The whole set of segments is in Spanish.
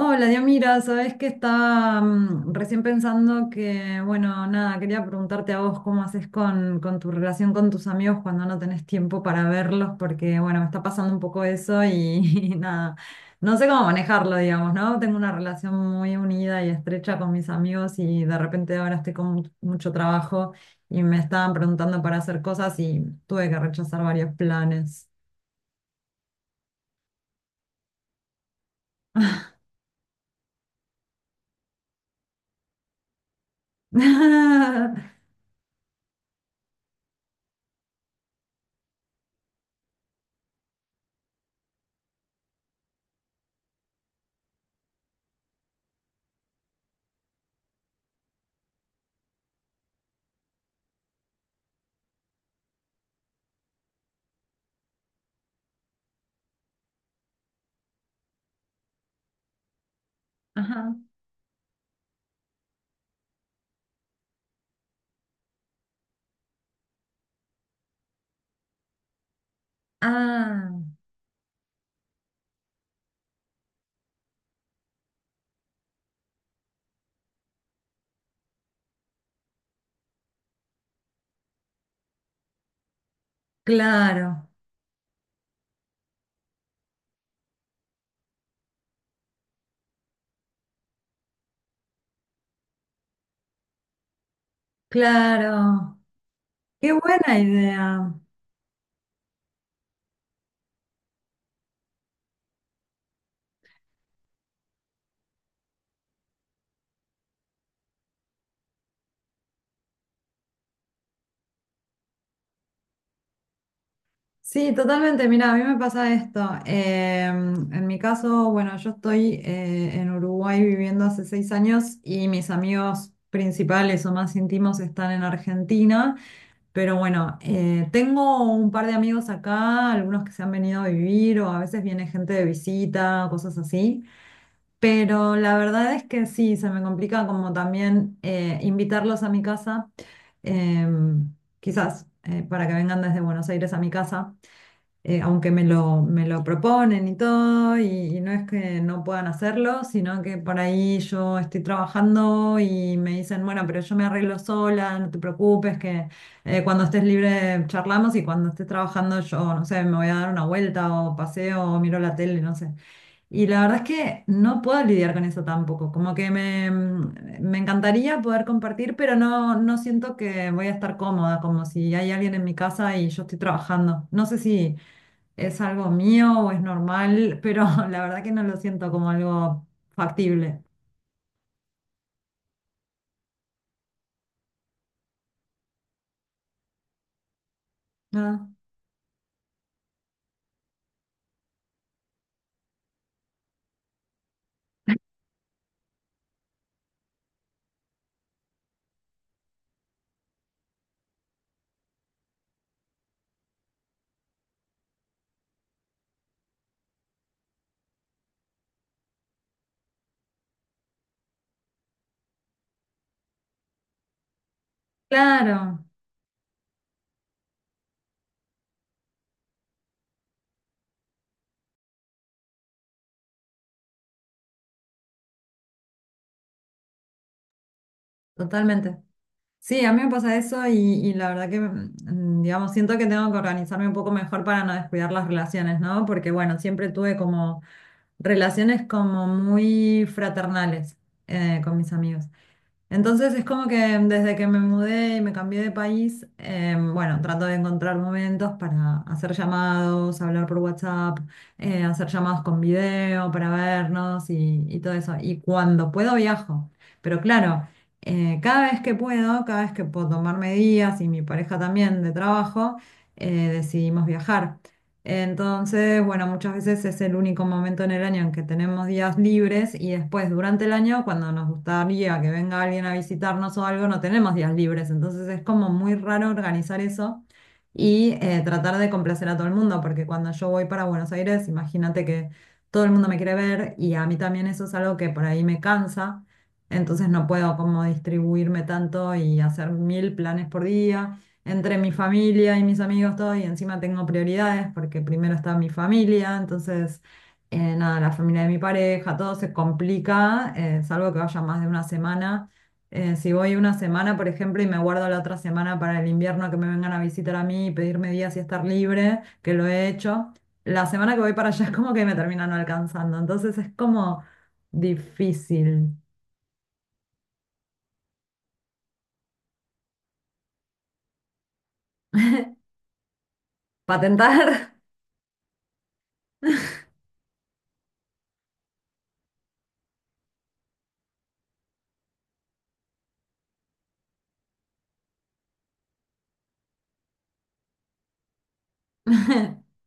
Hola, Diomira. Sabes que estaba recién pensando que, bueno, nada, quería preguntarte a vos cómo haces con tu relación con tus amigos cuando no tenés tiempo para verlos, porque, bueno, me está pasando un poco eso y, y nada, no sé cómo manejarlo, digamos, ¿no? Tengo una relación muy unida y estrecha con mis amigos y de repente ahora estoy con mucho trabajo y me estaban preguntando para hacer cosas y tuve que rechazar varios planes. Ajá. Ah, claro. Claro, qué buena idea. Sí, totalmente. Mira, a mí me pasa esto. En mi caso, bueno, yo estoy en Uruguay viviendo hace 6 años y mis amigos principales o más íntimos están en Argentina. Pero bueno, tengo un par de amigos acá, algunos que se han venido a vivir o a veces viene gente de visita, cosas así. Pero la verdad es que sí, se me complica como también invitarlos a mi casa, em, quizás para que vengan desde Buenos Aires a mi casa aunque me lo proponen y todo, y no es que no puedan hacerlo, sino que por ahí yo estoy trabajando y me dicen, bueno, pero yo me arreglo sola, no te preocupes, que cuando estés libre charlamos y cuando estés trabajando yo, no sé, me voy a dar una vuelta o paseo o miro la tele, no sé. Y la verdad es que no puedo lidiar con eso tampoco, me encantaría poder compartir, pero no, no siento que voy a estar cómoda, como si hay alguien en mi casa y yo estoy trabajando. No sé si... ¿Es algo mío o es normal? Pero la verdad que no lo siento como algo factible. Ah, claro, totalmente. Sí, a mí me pasa eso y la verdad que, digamos, siento que tengo que organizarme un poco mejor para no descuidar las relaciones, ¿no? Porque, bueno, siempre tuve como relaciones como muy fraternales con mis amigos. Entonces es como que desde que me mudé y me cambié de país, bueno, trato de encontrar momentos para hacer llamados, hablar por WhatsApp, hacer llamados con video para vernos y todo eso. Y cuando puedo viajo. Pero claro, cada vez que puedo tomarme días y mi pareja también de trabajo, decidimos viajar. Entonces, bueno, muchas veces es el único momento en el año en que tenemos días libres y después durante el año, cuando nos gustaría que venga alguien a visitarnos o algo, no tenemos días libres. Entonces es como muy raro organizar eso y tratar de complacer a todo el mundo, porque cuando yo voy para Buenos Aires, imagínate que todo el mundo me quiere ver y a mí también eso es algo que por ahí me cansa. Entonces no puedo como distribuirme tanto y hacer mil planes por día entre mi familia y mis amigos, todo, y encima tengo prioridades porque primero está mi familia, entonces, nada, la familia de mi pareja, todo se complica, salvo que vaya más de una semana. Si voy una semana, por ejemplo, y me guardo la otra semana para el invierno que me vengan a visitar a mí y pedirme días y estar libre, que lo he hecho, la semana que voy para allá es como que me terminan no alcanzando, entonces es como difícil patentar.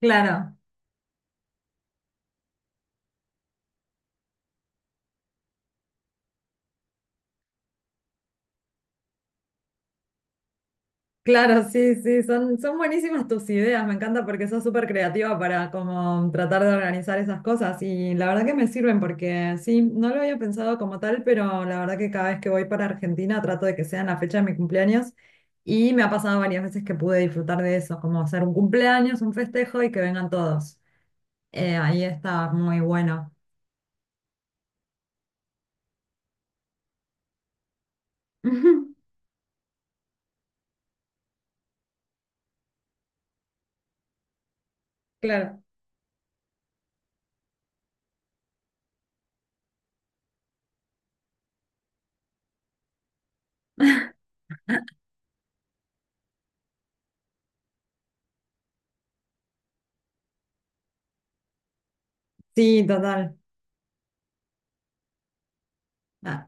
Claro. Claro, sí, sí, son buenísimas tus ideas, me encanta porque sos súper creativa para como tratar de organizar esas cosas y la verdad que me sirven porque sí, no lo había pensado como tal, pero la verdad que cada vez que voy para Argentina trato de que sea en la fecha de mi cumpleaños y me ha pasado varias veces que pude disfrutar de eso, como hacer un cumpleaños, un festejo y que vengan todos. Ahí está muy bueno. Claro, sí, total. Ah,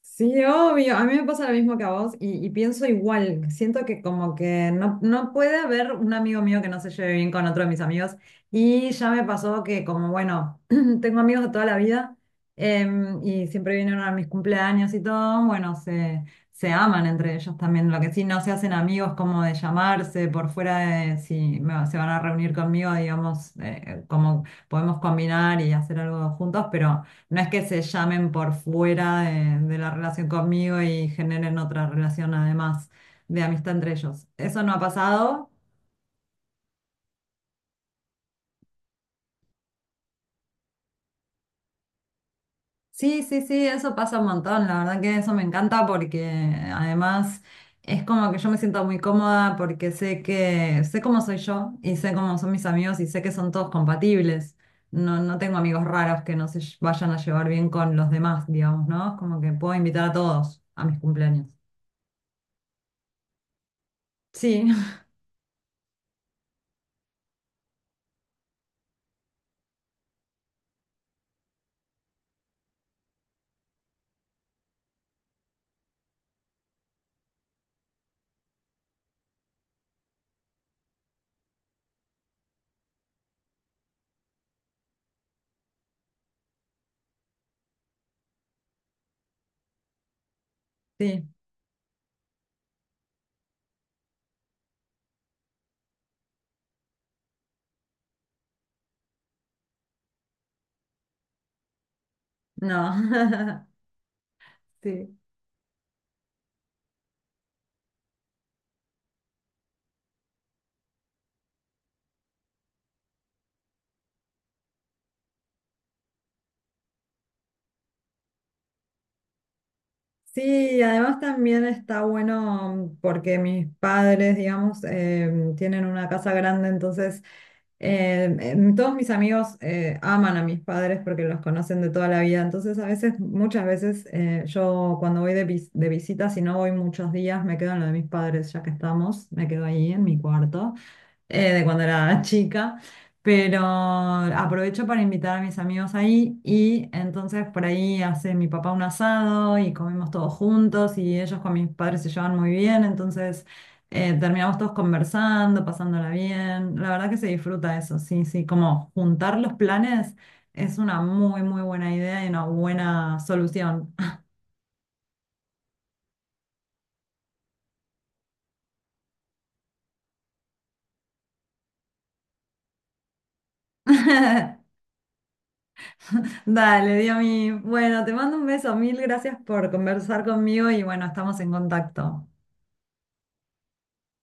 sí, obvio. A mí me pasa lo mismo que a vos y pienso igual. Siento que como que no, no puede haber un amigo mío que no se lleve bien con otro de mis amigos. Y ya me pasó que como, bueno, tengo amigos de toda la vida y siempre vinieron a mis cumpleaños y todo, bueno, se aman entre ellos también. Lo que sí, no se hacen amigos como de llamarse por fuera de si se van a reunir conmigo, digamos, como podemos combinar y hacer algo juntos, pero... No es que se llamen por fuera de la relación conmigo y generen otra relación además de amistad entre ellos. ¿Eso no ha pasado? Sí, sí, sí, eso pasa un montón. La verdad que eso me encanta porque además es como que yo me siento muy cómoda porque sé que sé cómo soy yo y sé cómo son mis amigos y sé que son todos compatibles. No, no tengo amigos raros que no se vayan a llevar bien con los demás, digamos, ¿no? Es como que puedo invitar a todos a mis cumpleaños. Sí, sí, no. Sí, sí, y además también está bueno porque mis padres, digamos, tienen una casa grande, entonces todos mis amigos aman a mis padres porque los conocen de toda la vida, entonces a veces, muchas veces, yo cuando voy de, de visita, si no voy muchos días, me quedo en lo de mis padres, ya que estamos, me quedo ahí en mi cuarto. De cuando era chica, pero aprovecho para invitar a mis amigos ahí y entonces por ahí hace mi papá un asado y comemos todos juntos y ellos con mis padres se llevan muy bien, entonces terminamos todos conversando, pasándola bien, la verdad que se disfruta eso, sí, sí, como juntar los planes es una muy, muy buena idea y una buena solución. Dale, Dios mío. Bueno, te mando un beso. Mil gracias por conversar conmigo y bueno, estamos en contacto.